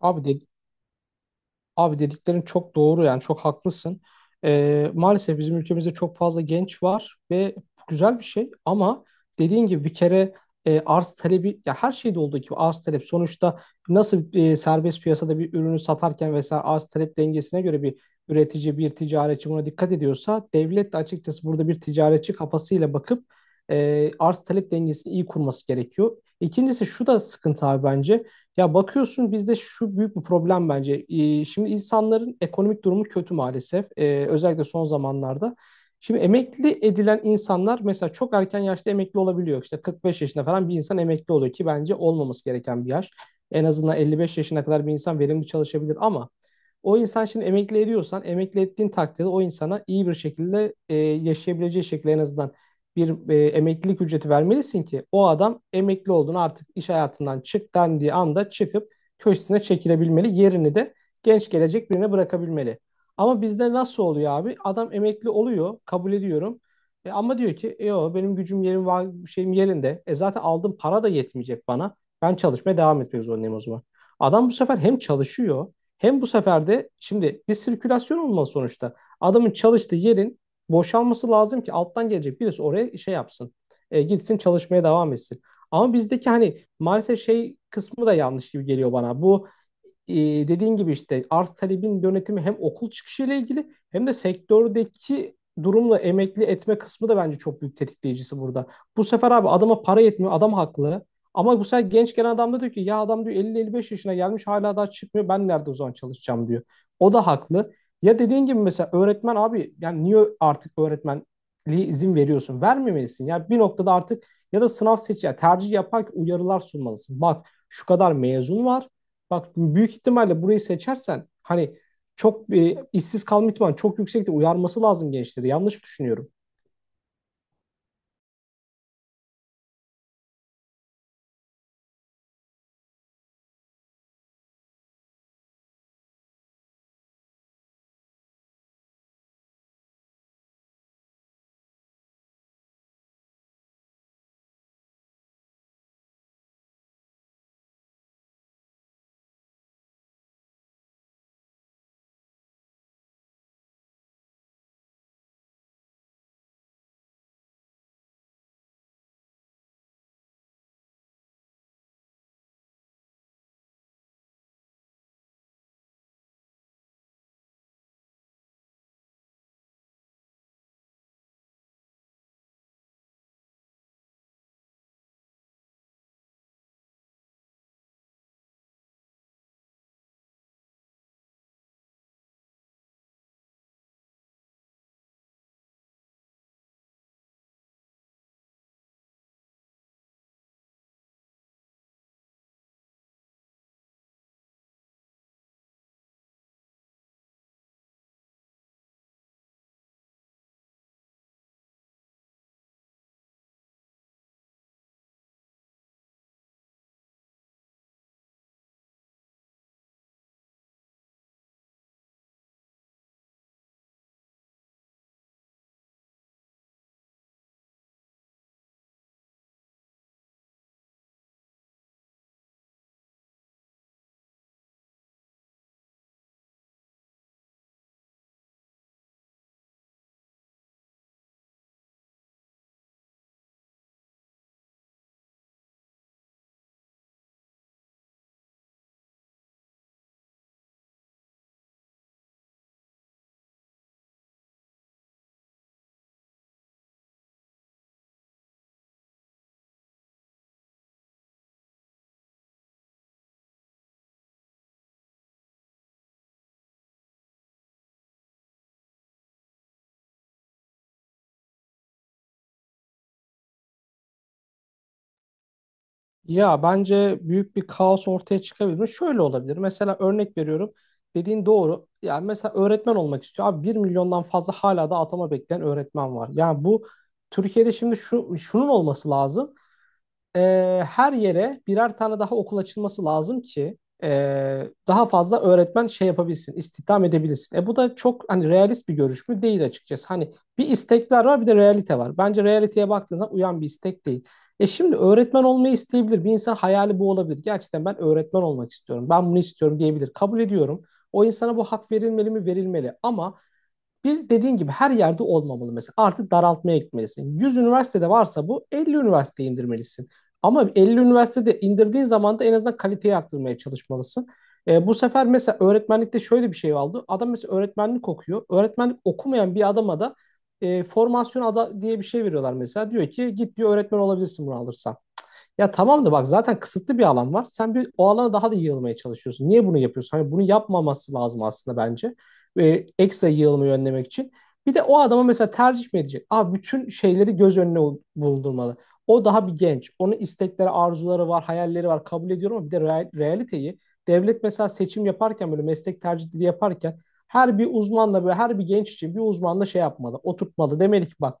Abi, abi dediklerin çok doğru yani çok haklısın. Maalesef bizim ülkemizde çok fazla genç var ve bu güzel bir şey ama dediğin gibi bir kere arz talebi ya her şeyde olduğu gibi arz talep sonuçta nasıl serbest piyasada bir ürünü satarken vesaire arz talep dengesine göre bir üretici bir ticaretçi buna dikkat ediyorsa devlet de açıkçası burada bir ticaretçi kafasıyla bakıp arz talep dengesini iyi kurması gerekiyor. İkincisi şu da sıkıntı abi bence. Ya bakıyorsun bizde şu büyük bir problem bence. Şimdi insanların ekonomik durumu kötü maalesef. Özellikle son zamanlarda. Şimdi emekli edilen insanlar mesela çok erken yaşta emekli olabiliyor. İşte 45 yaşında falan bir insan emekli oluyor ki bence olmaması gereken bir yaş. En azından 55 yaşına kadar bir insan verimli çalışabilir ama o insan şimdi emekli ediyorsan emekli ettiğin takdirde o insana iyi bir şekilde yaşayabileceği şekilde en azından bir emeklilik ücreti vermelisin ki o adam emekli olduğunu artık iş hayatından çık dendiği anda çıkıp köşesine çekilebilmeli. Yerini de genç gelecek birine bırakabilmeli. Ama bizde nasıl oluyor abi? Adam emekli oluyor, kabul ediyorum. E, ama diyor ki "E, yo benim gücüm yerim var, şeyim yerinde. E zaten aldığım para da yetmeyecek bana. Ben çalışmaya devam etmek zorundayım o zaman. Adam bu sefer hem çalışıyor hem bu sefer de şimdi bir sirkülasyon olmalı sonuçta. Adamın çalıştığı yerin boşalması lazım ki alttan gelecek birisi oraya şey yapsın. Gitsin çalışmaya devam etsin. Ama bizdeki hani maalesef şey kısmı da yanlış gibi geliyor bana. Bu e, dediğin gibi işte arz talebin yönetimi hem okul çıkışıyla ilgili hem de sektördeki durumla emekli etme kısmı da bence çok büyük tetikleyicisi burada. Bu sefer abi adama para yetmiyor, adam haklı. Ama bu sefer genç gelen adam da diyor ki ya adam diyor 50-55 yaşına gelmiş hala daha çıkmıyor ben nerede o zaman çalışacağım diyor. O da haklı. Ya dediğin gibi mesela öğretmen abi yani niye artık öğretmenliğe izin veriyorsun? Vermemelisin. Ya bir noktada artık ya da sınav seç ya tercih yaparken uyarılar sunmalısın. Bak şu kadar mezun var. Bak büyük ihtimalle burayı seçersen hani çok işsiz kalma ihtimali çok yüksekti. Uyarması lazım gençleri. Yanlış mı düşünüyorum? Ya bence büyük bir kaos ortaya çıkabilir mi? Şöyle olabilir. Mesela örnek veriyorum. Dediğin doğru. Yani mesela öğretmen olmak istiyor. Abi 1 milyondan fazla hala da atama bekleyen öğretmen var. Yani bu Türkiye'de şimdi şu şunun olması lazım e, her yere birer tane daha okul açılması lazım ki e, daha fazla öğretmen şey yapabilsin, istihdam edebilsin. E bu da çok hani realist bir görüş mü değil açıkçası. Hani bir istekler var bir de realite var. Bence realiteye baktığınız zaman uyan bir istek değil. E şimdi öğretmen olmayı isteyebilir. Bir insan hayali bu olabilir. Gerçekten ben öğretmen olmak istiyorum. Ben bunu istiyorum diyebilir. Kabul ediyorum. O insana bu hak verilmeli mi? Verilmeli. Ama bir dediğin gibi her yerde olmamalı mesela. Artık daraltmaya gitmelisin. 100 üniversitede varsa bu 50 üniversiteye indirmelisin. Ama 50 üniversitede indirdiğin zaman da en azından kaliteyi arttırmaya çalışmalısın. Bu sefer mesela öğretmenlikte şöyle bir şey oldu. Adam mesela öğretmenlik okuyor. Öğretmenlik okumayan bir adama da formasyon ada diye bir şey veriyorlar mesela. Diyor ki git diyor öğretmen olabilirsin bunu alırsan. Ya tamam da bak zaten kısıtlı bir alan var. Sen bir o alana daha da yığılmaya çalışıyorsun. Niye bunu yapıyorsun? Hani bunu yapmaması lazım aslında bence. Ekstra yığılmayı önlemek için. Bir de o adama mesela tercih mi edecek? Aa, bütün şeyleri göz önüne bulundurmalı. O daha bir genç. Onun istekleri, arzuları var, hayalleri var. Kabul ediyorum ama bir de realiteyi devlet mesela seçim yaparken böyle meslek tercihleri yaparken her bir uzmanla böyle her bir genç için bir uzmanla şey yapmalı, oturtmalı. Demeli ki bak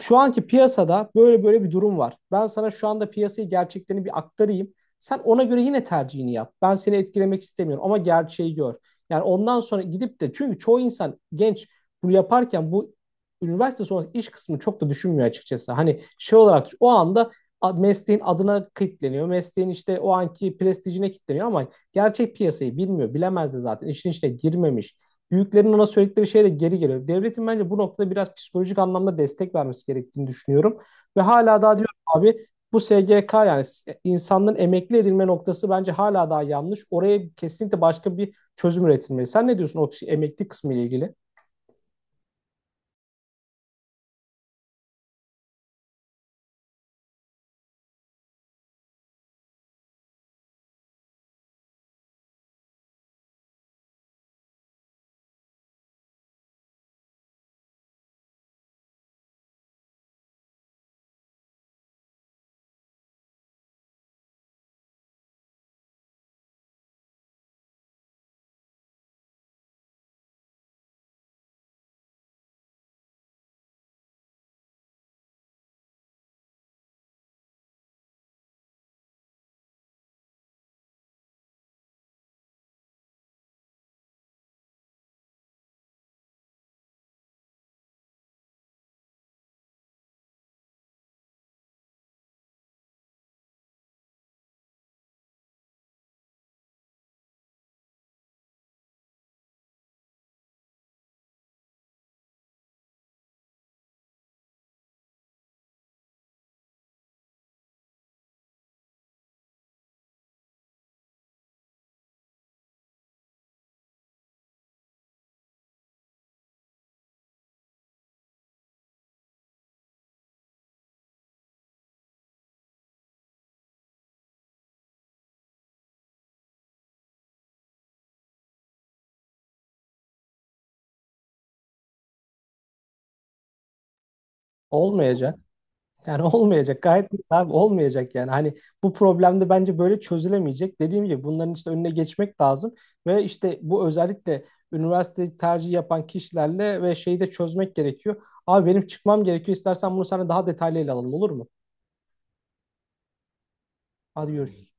şu anki piyasada böyle böyle bir durum var. Ben sana şu anda piyasayı gerçeklerini bir aktarayım. Sen ona göre yine tercihini yap. Ben seni etkilemek istemiyorum ama gerçeği gör. Yani ondan sonra gidip de çünkü çoğu insan genç bunu yaparken bu üniversite sonrası iş kısmını çok da düşünmüyor açıkçası. Hani şey olarak o anda mesleğin adına kilitleniyor. Mesleğin işte o anki prestijine kilitleniyor ama gerçek piyasayı bilmiyor. Bilemez de zaten. İşin içine girmemiş büyüklerin ona söyledikleri şey de geri geliyor. Devletin bence bu noktada biraz psikolojik anlamda destek vermesi gerektiğini düşünüyorum. Ve hala daha diyorum abi bu SGK yani insanların emekli edilme noktası bence hala daha yanlış. Oraya kesinlikle başka bir çözüm üretilmeli. Sen ne diyorsun o emekli kısmı ile ilgili? Olmayacak. Yani olmayacak. Gayet net abi olmayacak yani. Hani bu problem de bence böyle çözülemeyecek. Dediğim gibi bunların işte önüne geçmek lazım ve işte bu özellikle üniversite tercih yapan kişilerle ve şeyi de çözmek gerekiyor. Abi benim çıkmam gerekiyor. İstersen bunu sana daha detaylı ele alalım olur mu? Hadi görüşürüz.